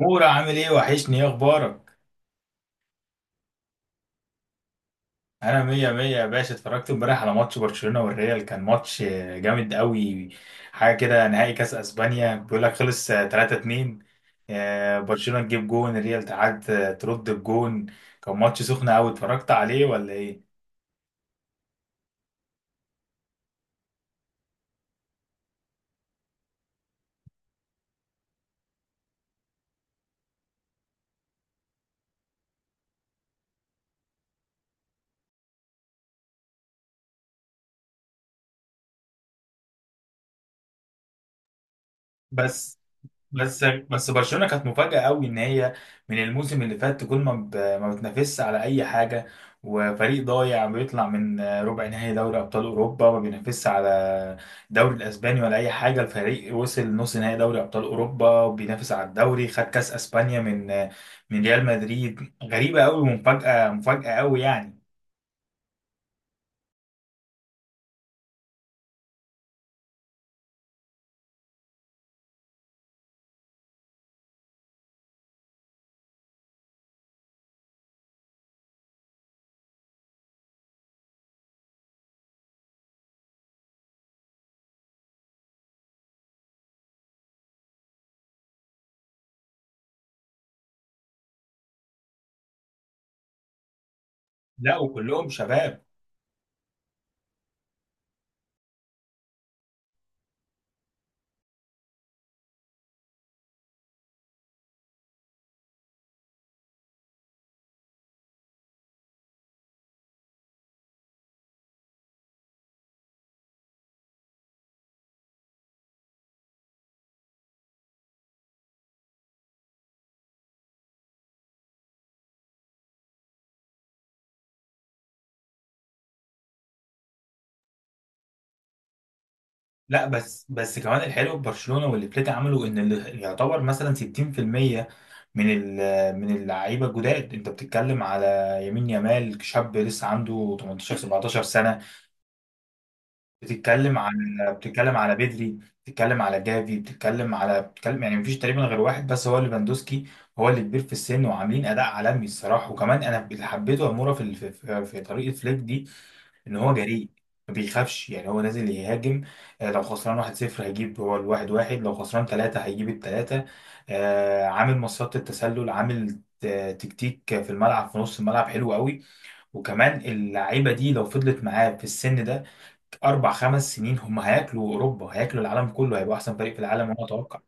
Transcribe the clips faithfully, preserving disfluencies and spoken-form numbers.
مورا، عامل ايه؟ وحشني، ايه اخبارك؟ انا مية مية يا باشا. اتفرجت امبارح على ماتش برشلونة والريال، كان ماتش جامد قوي. حاجة كده نهائي كاس اسبانيا، بيقول لك خلص تلاتة اتنين. برشلونة تجيب جون الريال تعاد، آه، ترد الجون. كان ماتش سخن قوي، اتفرجت عليه ولا ايه؟ بس بس بس برشلونه كانت مفاجاه قوي، ان هي من الموسم اللي فات كل ما ب- ما بتنافسش على اي حاجه، وفريق ضايع بيطلع من ربع نهائي دوري ابطال اوروبا، ما بينافسش على الدوري الاسباني ولا اي حاجه. الفريق وصل نص نهائي دوري ابطال اوروبا، وبينافس على الدوري، خد كاس اسبانيا من من ريال مدريد. غريبه قوي، ومفاجاه مفاجاه قوي يعني. لا، وكلهم شباب. لا، بس بس كمان الحلو في برشلونه واللي فليك عمله، ان اللي يعتبر مثلا ستين في المية من ال- من اللعيبه الجداد. انت بتتكلم على يمين يامال، شاب لسه عنده تمنتاشر سبعتاشر سنه. بتتكلم على بتتكلم على بدري، بتتكلم على جافي، بتتكلم على بتتكلم يعني مفيش تقريبا غير واحد بس هو ليفاندوسكي. هو اللي كبير في السن، وعاملين اداء عالمي الصراحه. وكمان انا اللي حبيته اموره في الف- في في في طريقه فليك دي، ان هو جريء، ما بيخافش، يعني هو نازل يهاجم. آه، لو خسران واحد صفر هيجيب هو الواحد واحد، لو خسران ثلاثة هيجيب الثلاثة. آه، عامل مصيدة التسلل، عامل ت- تكتيك في الملعب، في نص الملعب حلو قوي. وكمان اللعيبة دي لو فضلت معاه في السن ده أربع خمس سنين، هم هياكلوا أوروبا، هياكلوا العالم كله، هيبقوا أحسن فريق في العالم، وأنا أتوقع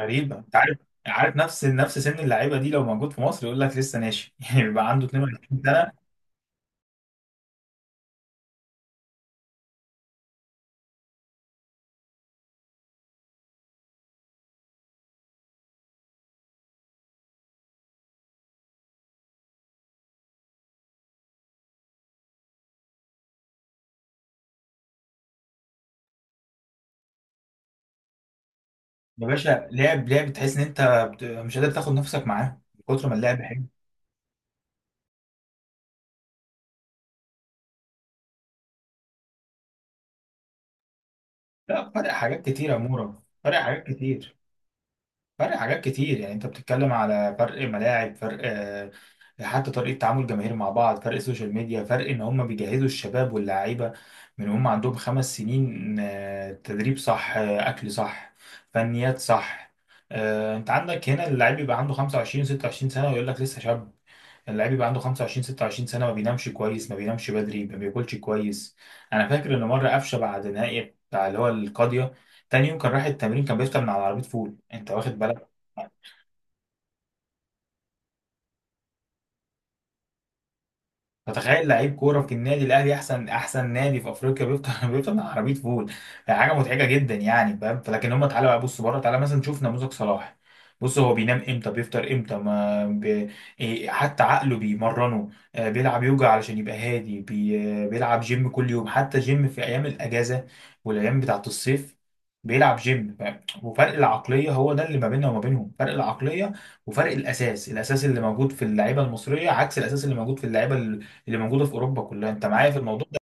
غريبة، أنت عارف. عارف نفس نفس سن اللعيبة دي، لو موجود في مصر يقول لك لسه ناشئ يعني بيبقى عنده اتنين وعشرين. يا باشا، لعب، لعب تحس ان انت بت- مش قادر تاخد نفسك معاه من كتر ما اللعب حلو. لا، فرق حاجات كتير يا مورا، فرق حاجات كتير. فرق حاجات كتير، يعني انت بتتكلم على فرق ملاعب، فرق، آه، حتى طريقة تعامل الجماهير مع بعض، فرق السوشيال ميديا، فرق ان هم بيجهزوا الشباب واللعيبة من هم عندهم خمس سنين. آه، تدريب صح، آه، اكل صح، فنيات صح. آه، انت عندك هنا اللعيب بيبقى عنده خمسة وعشرين ستة وعشرين سنة، ويقول لك لسه شاب. اللاعب يبقى عنده خمسة وعشرين ستة وعشرين سنه، ما بينامش كويس، ما بينامش بدري، ما بياكلش كويس. انا فاكر ان مره قفشه بعد نهائي بتاع اللي هو القاضيه، تاني يوم كان رايح التمرين، كان بيفطر من على عربيه فول، انت واخد بالك؟ فتخيل لعيب كوره في النادي الاهلي، احسن احسن نادي في افريقيا، بيفطر بيفطر مع عربيه فول. حاجه مضحكه جدا، يعني فاهم؟ فلكن هم، تعالى بقى بص بره، تعالى مثلا نشوف نموذج صلاح. بص، هو بينام امتى، بيفطر امتى، ما بي... إيه، حتى عقله بيمرنه. آه، بيلعب يوجا علشان يبقى هادي، بي... آه، بيلعب جيم كل يوم، حتى جيم في ايام الاجازه والايام بتاعت الصيف بيلعب جيم، فاهم؟ وفرق العقليه، هو ده اللي ما بيننا وما بينهم، فرق العقليه وفرق الاساس، الاساس اللي موجود في اللعيبه المصريه عكس الاساس اللي موجود في اللعيبه اللي موجوده في اوروبا كلها، انت معايا في الموضوع ده؟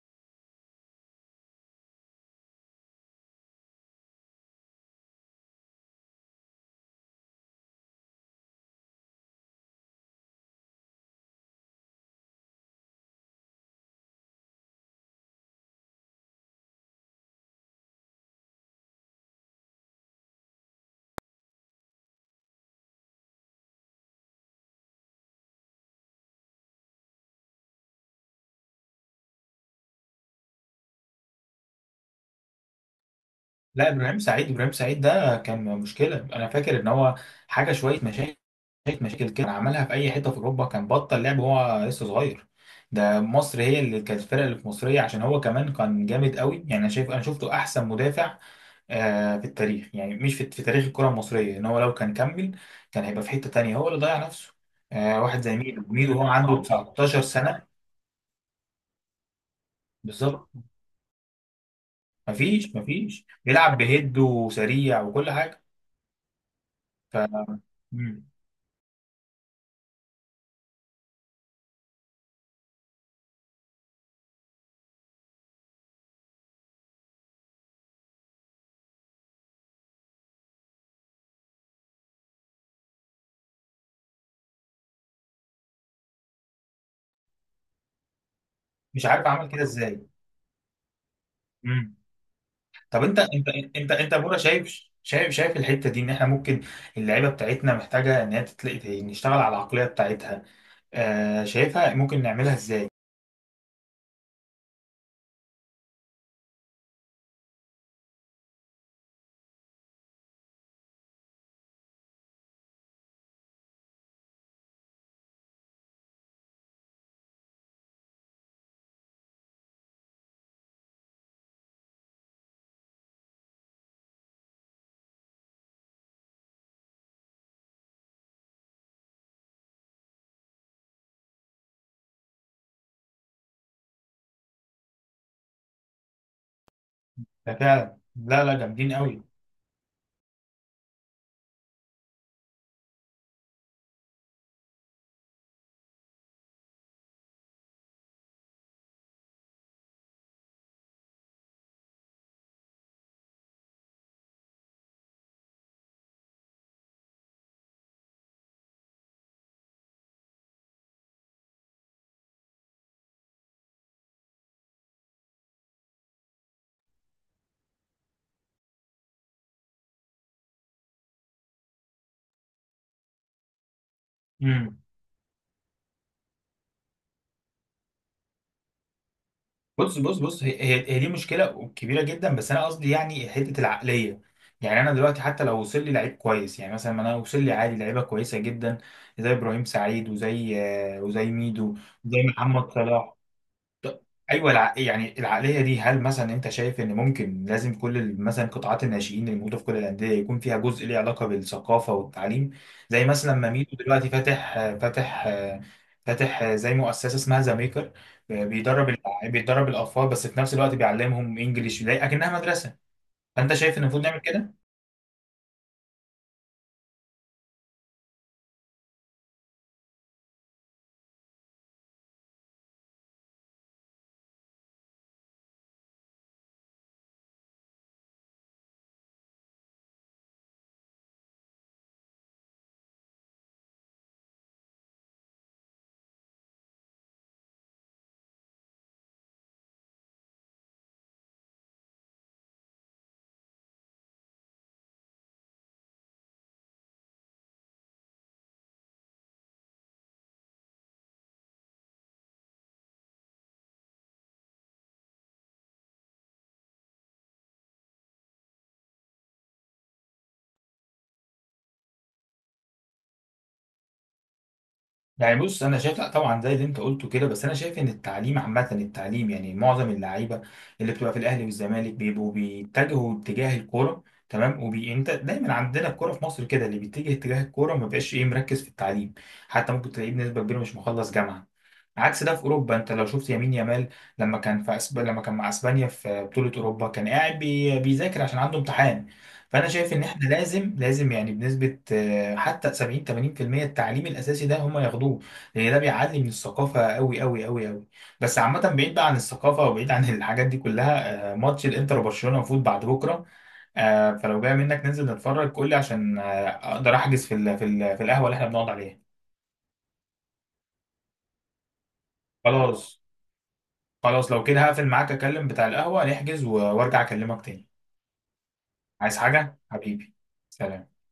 لا، ابراهيم سعيد ابراهيم سعيد ده كان مشكله، انا فاكر ان هو حاجه شويه مشاكل، شويه مشاكل كده كان عملها. في اي حته في اوروبا كان بطل، لعب وهو لسه صغير. ده مصر هي اللي كانت الفرقه اللي في مصريه، عشان هو كمان كان جامد قوي. يعني انا شايف، انا شفته احسن مدافع آه في التاريخ، يعني مش في, في تاريخ الكره المصريه، ان هو لو كان كمل كان هيبقى في حته تانيه، هو اللي ضيع نفسه. آه واحد زي ميدو ميدو، هو عنده تسعتاشر سنه. بالظبط، مفيش مفيش بيلعب بهيد وسريع وكل حاجه. ف مم. مش عارف اعمل كده ازاي. مم. طب انت انت انت انت يا مورا، شايف شايف شايف الحته دي، ان احنا ممكن اللعيبه بتاعتنا محتاجه ان هي تتلاقي، نشتغل على العقليه بتاعتها؟ آه شايفها ممكن نعملها ازاي؟ ده فعلا، لا لا، جامدين قوي. مم. بص بص بص، هي هي هي دي مشكله كبيره جدا، بس انا قصدي يعني حته العقليه. يعني انا دلوقتي حتى لو وصل لي لعيب كويس، يعني مثلا ما انا وصل لي عادي لعيبه كويسه جدا، زي ابراهيم سعيد، وزي آه، وزي ميدو، وزي محمد صلاح. طب- ايوه، الع... يعني العقليه دي، هل مثلا انت شايف ان ممكن لازم كل ال- مثلا قطاعات الناشئين اللي موجوده في كل الانديه، يكون فيها جزء ليه علاقه بالثقافه والتعليم؟ زي مثلا ما ميدو دلوقتي فاتح فاتح فاتح زي مؤسسه اسمها ذا ميكر، بيدرب الع- بيدرب الاطفال، بس في نفس الوقت بيعلمهم انجليش زي اكنها مدرسه. فانت شايف ان المفروض نعمل كده؟ يعني بص، انا شايف لا طبعا زي اللي انت قلته كده، بس انا شايف ان التعليم عامه، التعليم يعني معظم اللعيبه اللي بتبقى في الاهلي والزمالك بيبقوا بيتجهوا اتجاه الكوره تمام، وبي انت دايما عندنا الكوره في مصر كده، اللي بيتجه اتجاه الكوره ما بقاش ايه مركز في التعليم. حتى ممكن تلاقيه بنسبه كبيره مش مخلص جامعه. عكس ده في اوروبا، انت لو شفت يمين يامال لما كان في أسب... لما كان مع اسبانيا في بطوله اوروبا، كان قاعد بي... بيذاكر عشان عنده امتحان. فانا شايف ان احنا لازم لازم، يعني بنسبه آه، حتى سبعين ثمانين في المية التعليم الاساسي ده هم ياخدوه، لان ده بيعلي من الثقافه قوي قوي قوي قوي. بس عامه، بعيد بقى عن الثقافه وبعيد عن الحاجات دي كلها. آه، ماتش الانتر وبرشلونه المفروض بعد بكره، آه، فلو جاي منك ننزل نتفرج، قول لي عشان آه، اقدر احجز في ال في ال في القهوه اللي احنا بنقعد عليها. خلاص. خلاص، لو كده هقفل معاك، اكلم بتاع القهوه نحجز، و- وارجع اكلمك تاني. عايز حاجه حبيبي؟ سلام.